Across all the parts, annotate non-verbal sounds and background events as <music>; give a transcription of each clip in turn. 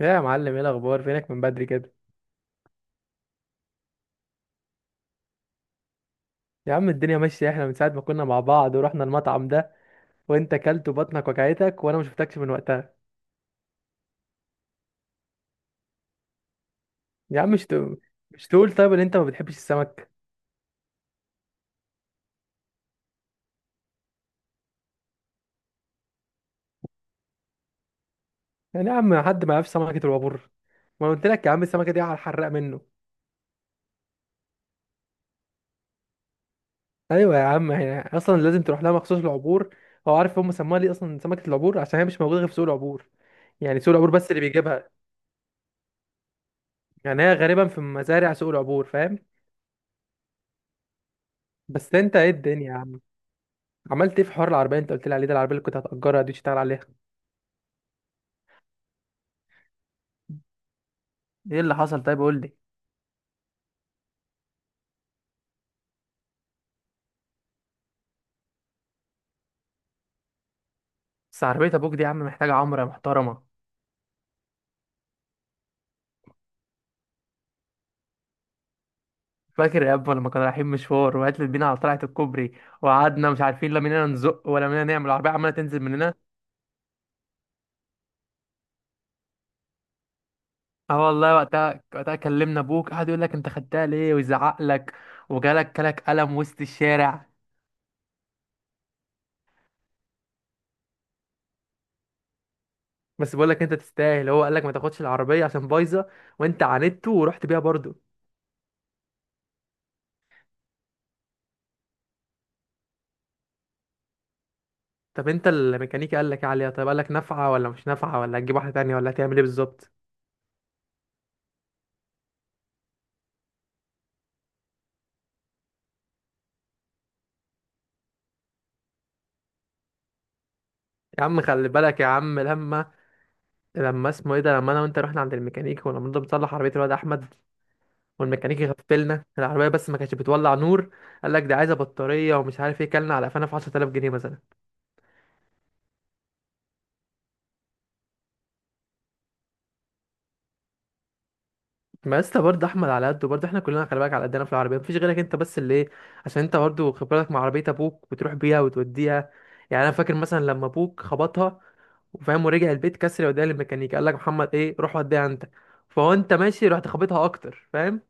يا معلم، ايه الاخبار؟ فينك من بدري كده؟ يا عم الدنيا ماشيه، احنا من ساعه ما كنا مع بعض ورحنا المطعم ده وانت كلت وبطنك وجعتك وانا ما شفتكش من وقتها. يا عم مش تقول؟ طيب ان انت ما بتحبش السمك؟ يعني يا عم حد ما يعرفش سمكه الوابور؟ ما أنا قلت لك يا عم السمكه دي على الحراق منه. ايوه يا عم، هي اصلا لازم تروح لها مخصوص العبور. هو عارف هم سموها ليه اصلا سمكه العبور؟ عشان هي مش موجوده غير في سوق العبور، يعني سوق العبور بس اللي بيجيبها. يعني هي غالبا في مزارع سوق العبور، فاهم؟ بس انت ايه الدنيا؟ عملت ايه في حوار العربيه انت قلت لي عليه ده؟ العربيه اللي كنت هتاجرها دي تشتغل عليها؟ ايه اللي حصل؟ طيب قول لي. بس عربيه ابوك دي يا عم محتاجه عمره يا محترمه. فاكر يا ابا لما كنا رايحين مشوار وقتلت بينا على طلعه الكوبري؟ وقعدنا مش عارفين لا مننا نزق ولا مننا، نعمل؟ العربيه عماله تنزل مننا. اه والله وقتها، كلمنا ابوك قعد يقول لك انت خدتها ليه ويزعق لك، وجالك كلك قلم وسط الشارع. بس بقول لك انت تستاهل، هو قال لك ما تاخدش العربيه عشان بايظه وانت عاندته ورحت بيها برضو. طب انت الميكانيكي قال لك ايه عليها؟ طيب قال لك نافعه ولا مش نافعه، ولا هتجيب واحده تانية، ولا هتعمل ايه بالظبط؟ يا عم خلي بالك يا عم لما اسمه ايه ده، لما انا وانت رحنا عند الميكانيكي، ولما نضرب نصلح عربيه الواد احمد والميكانيكي غفلنا العربيه بس ما كانتش بتولع نور. قال لك دي عايزه بطاريه ومش عارف ايه، كلنا على قفانا في 10000 جنيه مثلا. ما لسه برضه احمد على قده، برضه احنا كلنا خلي بالك على قدنا في العربيه، مفيش غيرك انت بس اللي ايه، عشان انت برضه خبرتك مع عربيه ابوك بتروح بيها وتوديها. يعني انا فاكر مثلا لما ابوك خبطها وفاهم ورجع البيت كسر، وداها للميكانيكي قال لك محمد ايه روح وديها انت، فهو انت ماشي رحت خبطها اكتر، فاهم؟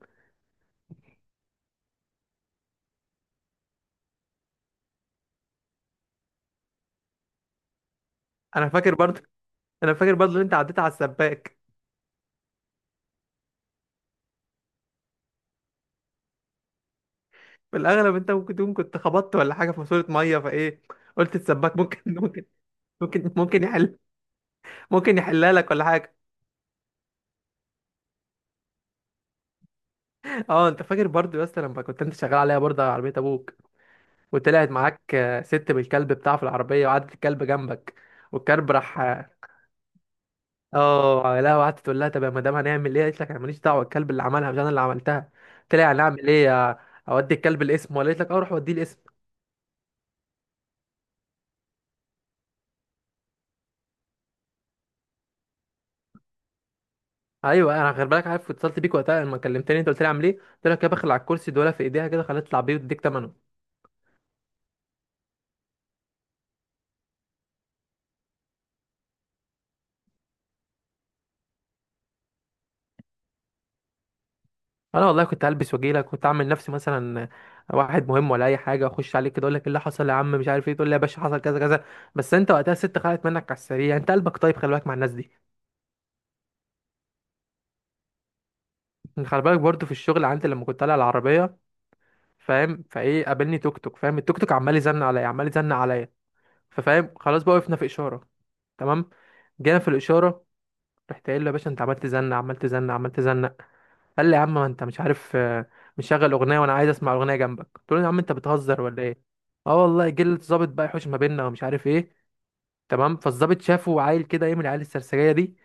انا فاكر برضه <laughs> انا فاكر برضه ان انت عديت على السباك. في الاغلب انت ممكن تكون كنت خبطت ولا حاجه في ماسوره ميه فايه، قلت السباك ممكن <laughs> ممكن، ممكن يحل، ممكن يحلها لك ولا حاجه. اه، انت فاكر برضه يا اسطى لما كنت انت شغال عليها برضه على عربيه ابوك وطلعت معاك ست بالكلب بتاعه في العربية وقعدت الكلب جنبك، والكلب راح اه. لا، وقعدت تقول لها طب يا مدام هنعمل ايه، قالت لك انا ماليش دعوة، الكلب اللي عملها مش انا اللي عملتها. قلت لها يعني اعمل ايه؟ اودي الكلب الاسم، ولا قالت لك اه روح وديه الاسم. ايوه، انا غير بالك عارف اتصلت بيك وقتها لما كلمتني انت قلت لي اعمل ايه، قلت لك يا بخل على الكرسي دولة في ايديها كده خليها تطلع بيه وتديك ثمنه. انا والله كنت هلبس واجيلك، كنت اعمل نفسي مثلا واحد مهم ولا اي حاجه، اخش عليك كده اقول لك إيه اللي حصل يا عم مش عارف ايه، تقول لي يا باشا حصل كذا كذا. بس انت وقتها الست خلعت منك على السريع، انت قلبك طيب خلي بالك مع الناس دي. يعني خلي بالك برضه، في الشغل عندي لما كنت طالع العربيه، فاهم فايه؟ قابلني توك توك، فاهم التوك توك عمال يزن عليا عمال يزن عليا. ففاهم خلاص بقى، وقفنا في اشاره، تمام. جينا في الاشاره، رحت قايل له يا باشا انت عمال تزنق قال لي يا عم ما انت مش عارف مشغل اغنيه وانا عايز اسمع اغنيه جنبك، قلت له يا عم انت بتهزر ولا ايه؟ اه والله جه الظابط بقى يحوش ما بيننا ومش عارف ايه. تمام، فالظابط شافه عيل كده ايه، من العيال السرسجيه دي،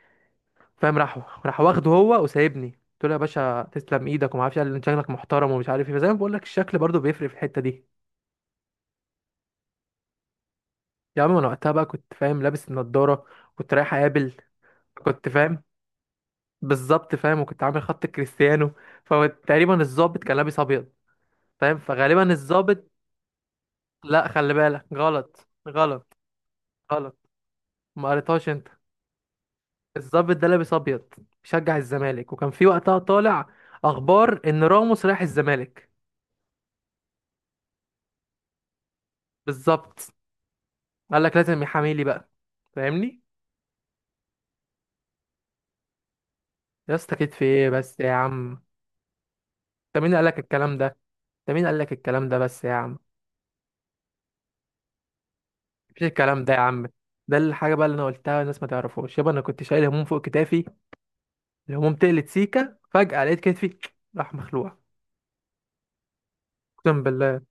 فاهم؟ راح، واخده هو وسايبني. قلت له يا باشا تسلم ايدك وما اعرفش، قال لي انت شكلك محترم ومش عارف ايه. فزي ما بقول لك، الشكل برضو بيفرق في الحته دي. يا عم انا وقتها بقى كنت فاهم لابس النضاره، كنت رايح اقابل، كنت فاهم بالظبط فاهم، وكنت عامل خط كريستيانو. فتقريبا الظابط كان لابس ابيض، فاهم؟ فغالبا الظابط، لا خلي بالك غلط، غلط ما قريتهاش انت. الضابط ده لابس ابيض، بيشجع الزمالك، وكان في وقتها طالع اخبار ان راموس رايح الزمالك. بالظبط، قال لك لازم يحامي لي بقى، فاهمني؟ يا اسطى كده في ايه بس يا عم؟ انت مين قال لك الكلام ده؟ بس يا عم، مفيش الكلام ده يا عم. ده الحاجه بقى اللي انا قلتها، الناس ما تعرفوش يابا، انا كنت شايل هموم فوق كتافي، الهموم تقلت سيكه فجاه، لقيت كتفي راح مخلوع. اقسم بالله،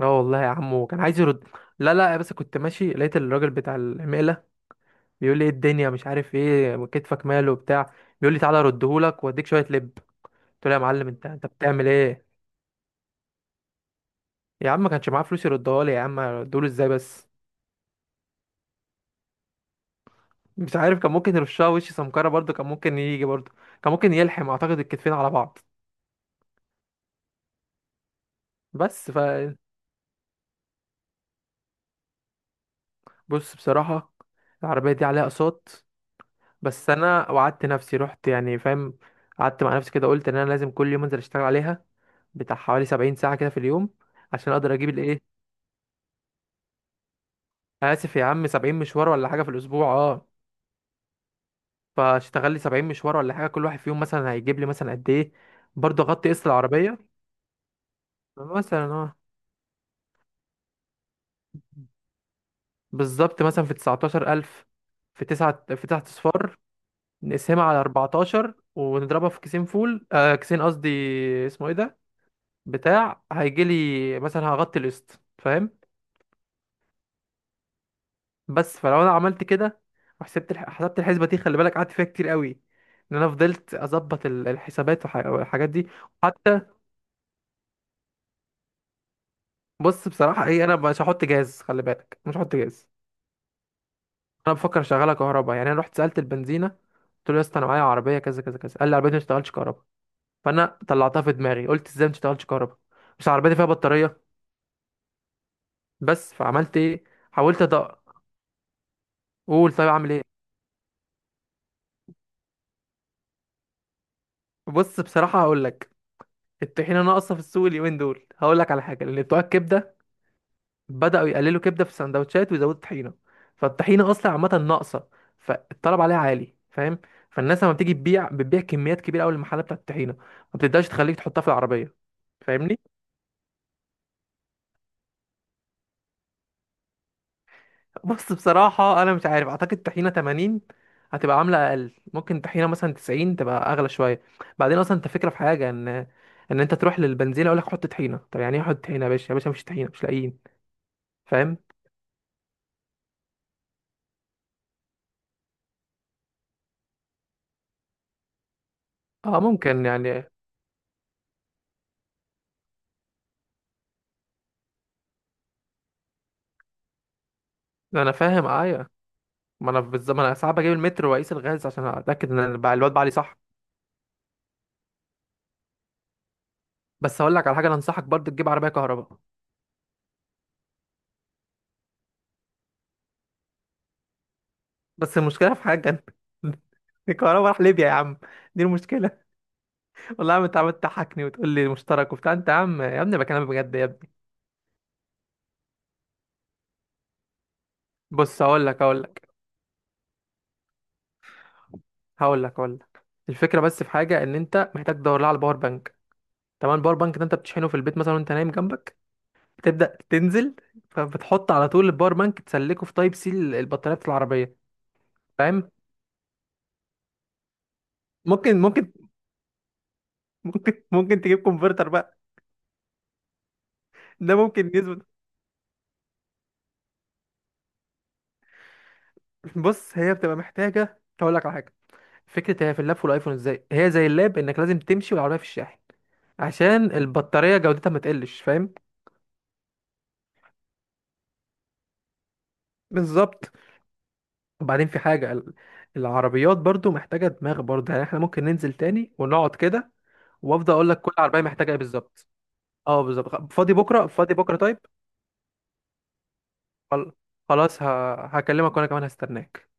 اه والله يا عمو كان عايز يرد. لا لا، بس كنت ماشي لقيت الراجل بتاع المقلة بيقول لي ايه الدنيا، مش عارف ايه كتفك ماله وبتاع، بيقول لي تعالى اردهولك واديك شوية لب. قلت له يا معلم انت، بتعمل ايه؟ يا عم ما كانش معاه فلوس يردها لي، يا عم ادوله ازاي بس؟ مش عارف، كان ممكن يرشها وش سمكرة برضه، كان ممكن يجي برضه، كان ممكن يلحم اعتقد الكتفين على بعض. بس ف، بص بصراحة العربية دي عليها اقساط. بس انا وعدت نفسي، رحت يعني فاهم، قعدت مع نفسي كده قلت ان انا لازم كل يوم انزل اشتغل عليها بتاع حوالي 70 ساعة كده في اليوم، عشان اقدر اجيب الايه. اسف يا عم، 70 مشوار ولا حاجة في الاسبوع اه. فاشتغل لي 70 مشوار ولا حاجة، كل واحد فيهم مثلا هيجيب لي مثلا قد ايه، برضه اغطي قسط العربية مثلا. اه، بالظبط مثلا في 19000، في 9 في 9 اصفار، نقسمها على 14 ونضربها في كيسين فول كيسين قصدي، اسمه ايه ده، بتاع هيجي لي مثلا هغطي القسط فاهم. بس فلو انا عملت كده وحسبت حسبت الحسبه دي، خلي بالك قعدت فيها كتير قوي ان انا فضلت اظبط الحسابات والحاجات دي. حتى، بص بصراحه ايه، انا مش هحط جاز، خلي بالك مش هحط جاز. انا بفكر اشغلها كهرباء، يعني انا رحت سالت البنزينه قلت له يا اسطى انا معايا عربيه كذا كذا كذا، قال لي عربيتي ما بتشتغلش كهرباء. فانا طلعتها في دماغي قلت ازاي ما بتشتغلش كهرباء؟ مش عربيتي فيها بطاريه؟ بس فعملت ايه، حاولت ادق، قول طيب اعمل ايه. بص بصراحه هقول لك، الطحينه ناقصه في السوق اليومين دول، هقول لك على حاجه، لان بتوع الكبده بدأوا يقللوا كبدة في السندوتشات ويزودوا طحينة، فالطحينة أصلا عامة ناقصة، فالطلب عليها عالي، فاهم؟ فالناس لما بتيجي تبيع بتبيع كميات كبيرة أوي للمحلات بتاعة الطحينة، ما بتقدرش تخليك تحطها في العربية. فاهمني؟ <laughs> بص بصراحة أنا مش عارف، أعتقد طحينة 80 هتبقى عاملة أقل، ممكن طحينة مثلا 90 تبقى أغلى شوية. بعدين أصلا أنت فكرة في حاجة إن، أنت تروح للبنزينة أقول لك حط طحينة، طب يعني إيه حط طحينة يا باشا؟ يا باشا مفيش طحينة، مش لاقيين، فاهم؟ أه ممكن يعني. أنا فاهم أيوه، ما انا بالظبط، ما انا ساعات بجيب المتر واقيس الغاز عشان اتاكد ان الواد بعلي صح. بس هقول لك على حاجه، انا انصحك برضه تجيب عربيه كهرباء. بس المشكله في حاجه، <laughs> الكهرباء راح ليبيا يا عم، دي المشكله. والله يا عم انت عمال تضحكني وتقول لي مشترك وبتاع، انت يا عم يا ابني بكلمك بجد يا ابني. بص هقول لك، هقول لك هقول لك الفكره بس في حاجه، ان انت محتاج تدور لها على باور بانك، تمام. الباور بانك ده انت بتشحنه في البيت مثلا وانت نايم جنبك، بتبدا تنزل، فبتحط على طول الباور بانك تسلكه في تايب سي البطاريه بتاعت العربيه، فاهم؟ ممكن، ممكن تجيب كونفرتر بقى، ده ممكن يظبط. بص هي بتبقى محتاجه، هقول لك على حاجه، فكره هي في اللاب والايفون ازاي، هي زي اللاب انك لازم تمشي والعربيه في الشاحن عشان البطاريه جودتها ما تقلش، فاهم؟ بالظبط. وبعدين في حاجه العربيات برضو محتاجه دماغ برضو، يعني احنا ممكن ننزل تاني ونقعد كده، وافضل اقول لك كل عربيه محتاجه ايه بالظبط. اه بالظبط، فاضي بكره؟ فاضي بكره طيب. خل- خلاص، هكلمك وانا كمان هستناك.